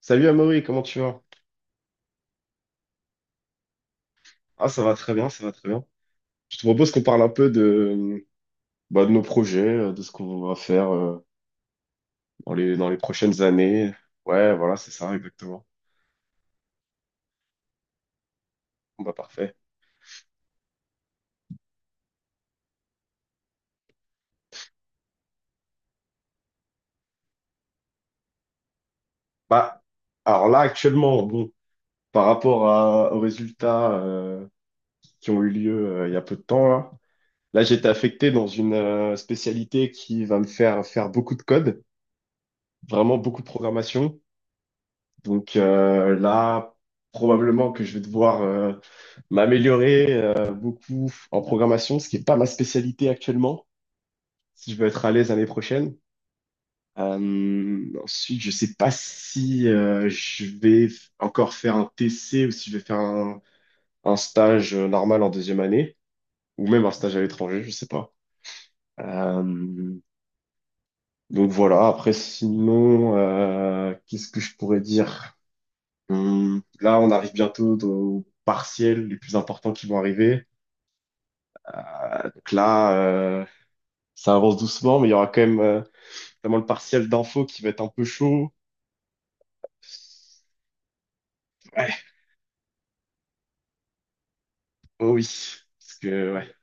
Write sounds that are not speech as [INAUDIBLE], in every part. Salut Amaury, comment tu vas? Ah, ça va très bien, ça va très bien. Je te propose qu'on parle un peu de, bah, de nos projets, de ce qu'on va faire dans les prochaines années. Ouais, voilà, c'est ça, exactement. Bon, bah, parfait. Bah, alors là, actuellement, bon, par rapport aux résultats qui ont eu lieu il y a peu de temps, là, j'ai été affecté dans une spécialité qui va me faire faire beaucoup de code, vraiment beaucoup de programmation. Donc là, probablement que je vais devoir m'améliorer beaucoup en programmation, ce qui n'est pas ma spécialité actuellement, si je veux être à l'aise l'année prochaine. Ensuite, je sais pas si je vais encore faire un TC ou si je vais faire un stage normal en deuxième année, ou même un stage à l'étranger, je sais pas. Euh, donc voilà, après sinon, qu'est-ce que je pourrais dire? Là, on arrive bientôt aux partiels les plus importants qui vont arriver. Donc là, ça avance doucement, mais il y aura quand même notamment le partiel d'info qui va être un peu chaud. Ouais, oh oui, parce que ouais.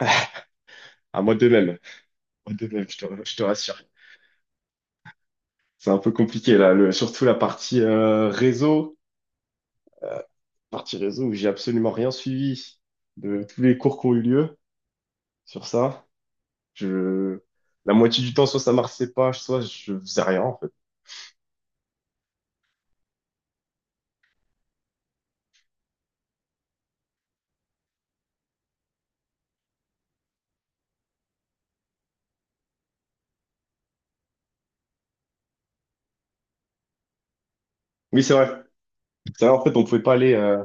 [LAUGHS] À moi de même, à moi de même, je te rassure. C'est un peu compliqué là, surtout la partie réseau, partie réseau où j'ai absolument rien suivi de tous les cours qui ont eu lieu sur ça. Je, la moitié du temps, soit ça marchait pas, soit je faisais rien en fait. Oui, c'est vrai. Ça, en fait, on pouvait pas aller.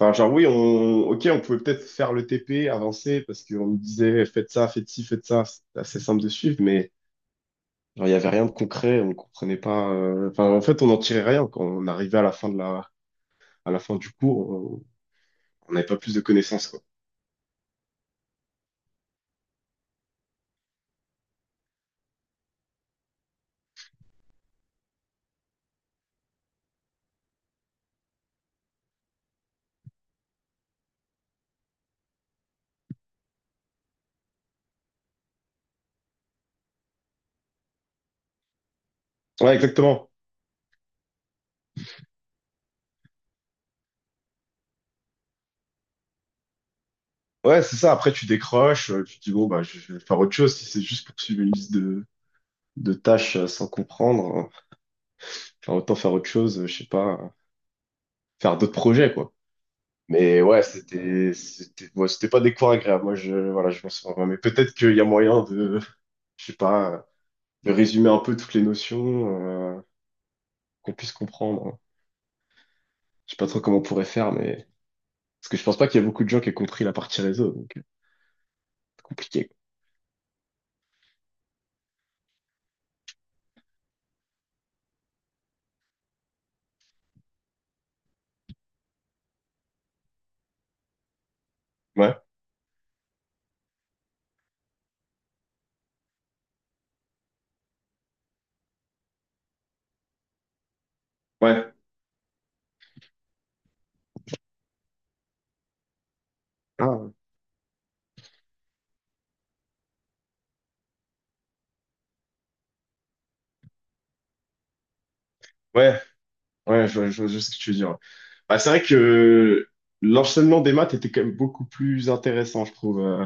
Enfin, genre, oui, ok, on pouvait peut-être faire le TP, avancer, parce qu'on nous disait faites ça, faites ci, faites ça. C'était assez simple de suivre, mais genre, il y avait rien de concret, on comprenait pas. Enfin, en fait, on n'en tirait rien quand on arrivait à la fin du cours, on n'avait pas plus de connaissances, quoi. Ouais, exactement. Ouais, c'est ça. Après, tu décroches, tu te dis bon, bah, je vais faire autre chose. Si c'est juste pour suivre une liste de tâches sans comprendre, enfin, autant faire autre chose, je sais pas, faire d'autres projets, quoi. Mais ouais, ouais, c'était pas des cours agréables. Moi, je, voilà, je m'en souviens pas. Mais peut-être qu'il y a moyen de, je sais pas, de résumer un peu toutes les notions, qu'on puisse comprendre. Je sais pas trop comment on pourrait faire, mais, parce que je pense pas qu'il y a beaucoup de gens qui aient compris la partie réseau, donc, c'est compliqué. Ouais, ouais. Ah, ouais, ouais, je sais ce que tu veux dire. Bah, c'est vrai que l'enchaînement des maths était quand même beaucoup plus intéressant, je trouve.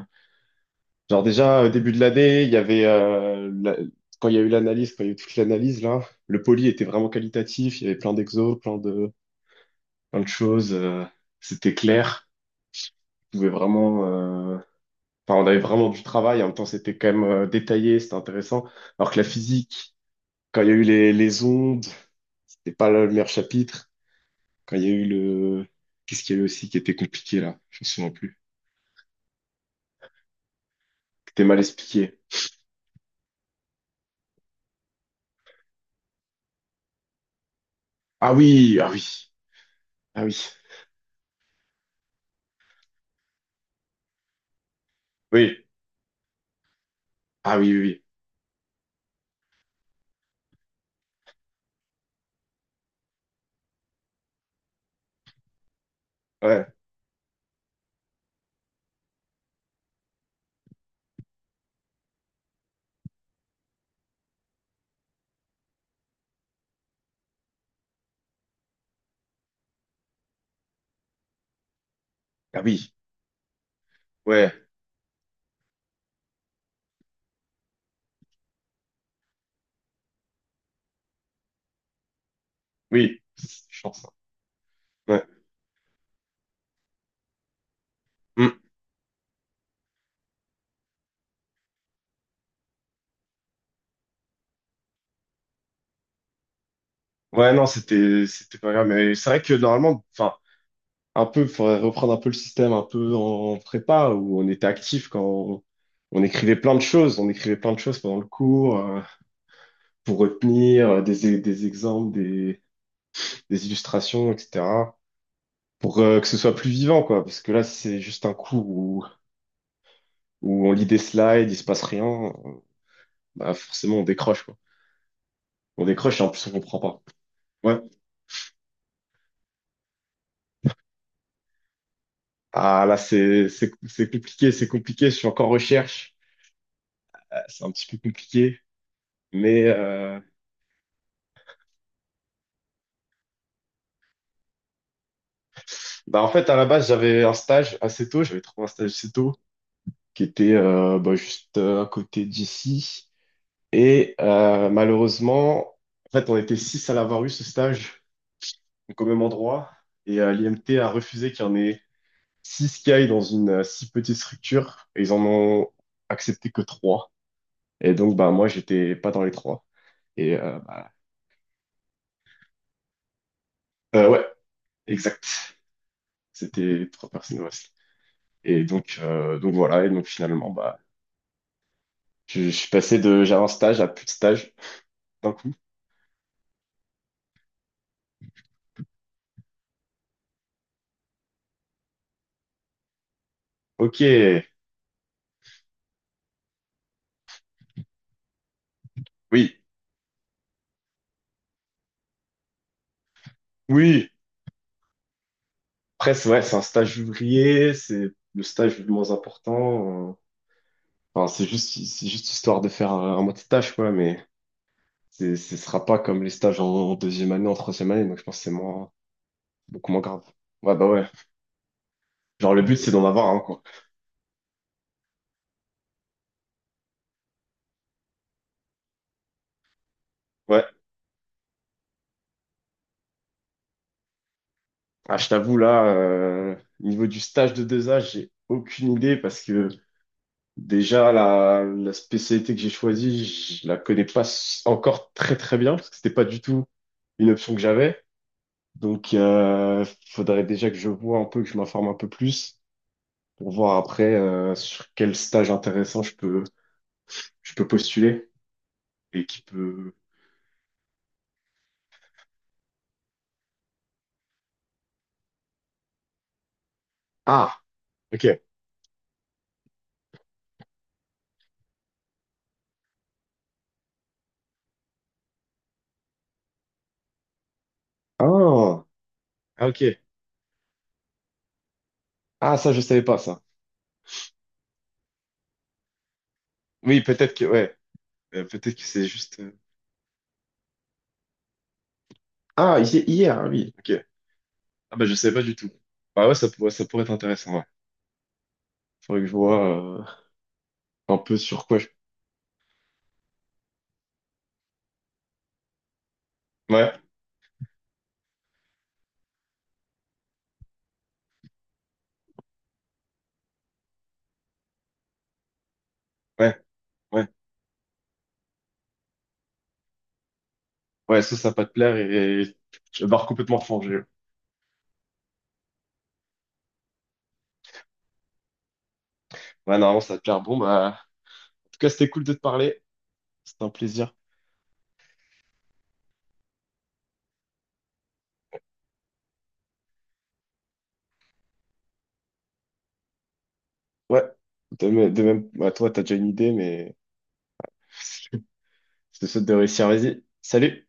Genre déjà, début de l'année, il y avait quand il y a eu l'analyse, quand il y a eu toute l'analyse là, le poly était vraiment qualitatif, il y avait plein d'exos, plein de choses, c'était clair, on pouvait vraiment euh, enfin on avait vraiment du travail, en même temps c'était quand même détaillé, c'était intéressant. Alors que la physique, quand il y a eu les ondes, c'était pas le meilleur chapitre. Quand il y a eu le Qu'est-ce qu'il y a eu aussi qui était compliqué là, je me souviens plus. Qui était mal expliqué. Ah oui, ah oui, ah oui. Oui, ah oui, oui, oui. Ouais. Ah oui, ouais, oui, je pense. Ouais. Hmm. Ouais, non, c'était pas grave, mais c'est vrai que normalement, enfin, un peu, faudrait reprendre un peu le système un peu en prépa où on était actif quand on écrivait plein de choses, on écrivait plein de choses pendant le cours pour retenir des des exemples, des illustrations, etc. pour que ce soit plus vivant, quoi. Parce que là, si c'est juste un cours où on lit des slides, il se passe rien, bah forcément on décroche, quoi. On décroche et en plus on comprend pas. Ouais. Ah là, c'est compliqué, c'est compliqué. Je suis encore en recherche. Ah, c'est un petit peu compliqué. Mais bah en fait, à la base, j'avais un stage assez tôt. J'avais trouvé un stage assez tôt qui était bah, juste à côté d'ici. Et malheureusement, en fait, on était six à l'avoir eu ce stage, donc au même endroit. Et l'IMT a refusé qu'il y en ait six qui aillent dans une si petite structure. Et ils en ont accepté que trois. Et donc, bah moi, j'étais pas dans les trois. Et bah, ouais, exact. C'était trois personnes au wrestling. Et donc voilà, et donc finalement, bah, je suis passé de j'avais un stage à plus de stage d'un coup. Ok, oui, oui, presque, ouais, c'est un stage ouvrier, c'est le stage le moins important. Enfin, c'est juste histoire de faire un mois de stage, quoi, mais ce sera pas comme les stages en, deuxième année, en troisième année, donc je pense que c'est moins, beaucoup moins grave. Ouais, bah ouais. Genre, le but, c'est d'en avoir un, quoi. Ouais. Ah, je t'avoue, là, niveau du stage de deux a j'ai aucune idée parce que déjà, la spécialité que j'ai choisie, je la connais pas encore très très bien, parce que c'était pas du tout une option que j'avais. Donc, faudrait déjà que je vois un peu, que je m'informe un peu plus, pour voir après sur quel stage intéressant je peux, postuler et qui peut. Ah, ok. Ah, ah, ok. Ah, ça, je savais pas ça. Oui, peut-être que, ouais. Peut-être que c'est juste. Ah, hier, oui. Ok. Ah bah je savais pas du tout. Bah ouais, ça pourrait être intéressant. Ouais. Faudrait que je vois. Un peu sur quoi je... Ouais, ouais, ouais. Ouais, ça va pas te plaire et je barre complètement fangé. Ouais, normalement, ça va te plaire. Bon, bah, en tout cas, c'était cool de te parler. C'était un plaisir. Ouais, de même, de même. Bah, toi, t'as déjà une idée, mais [LAUGHS] je te souhaite de réussir. Vas-y, salut!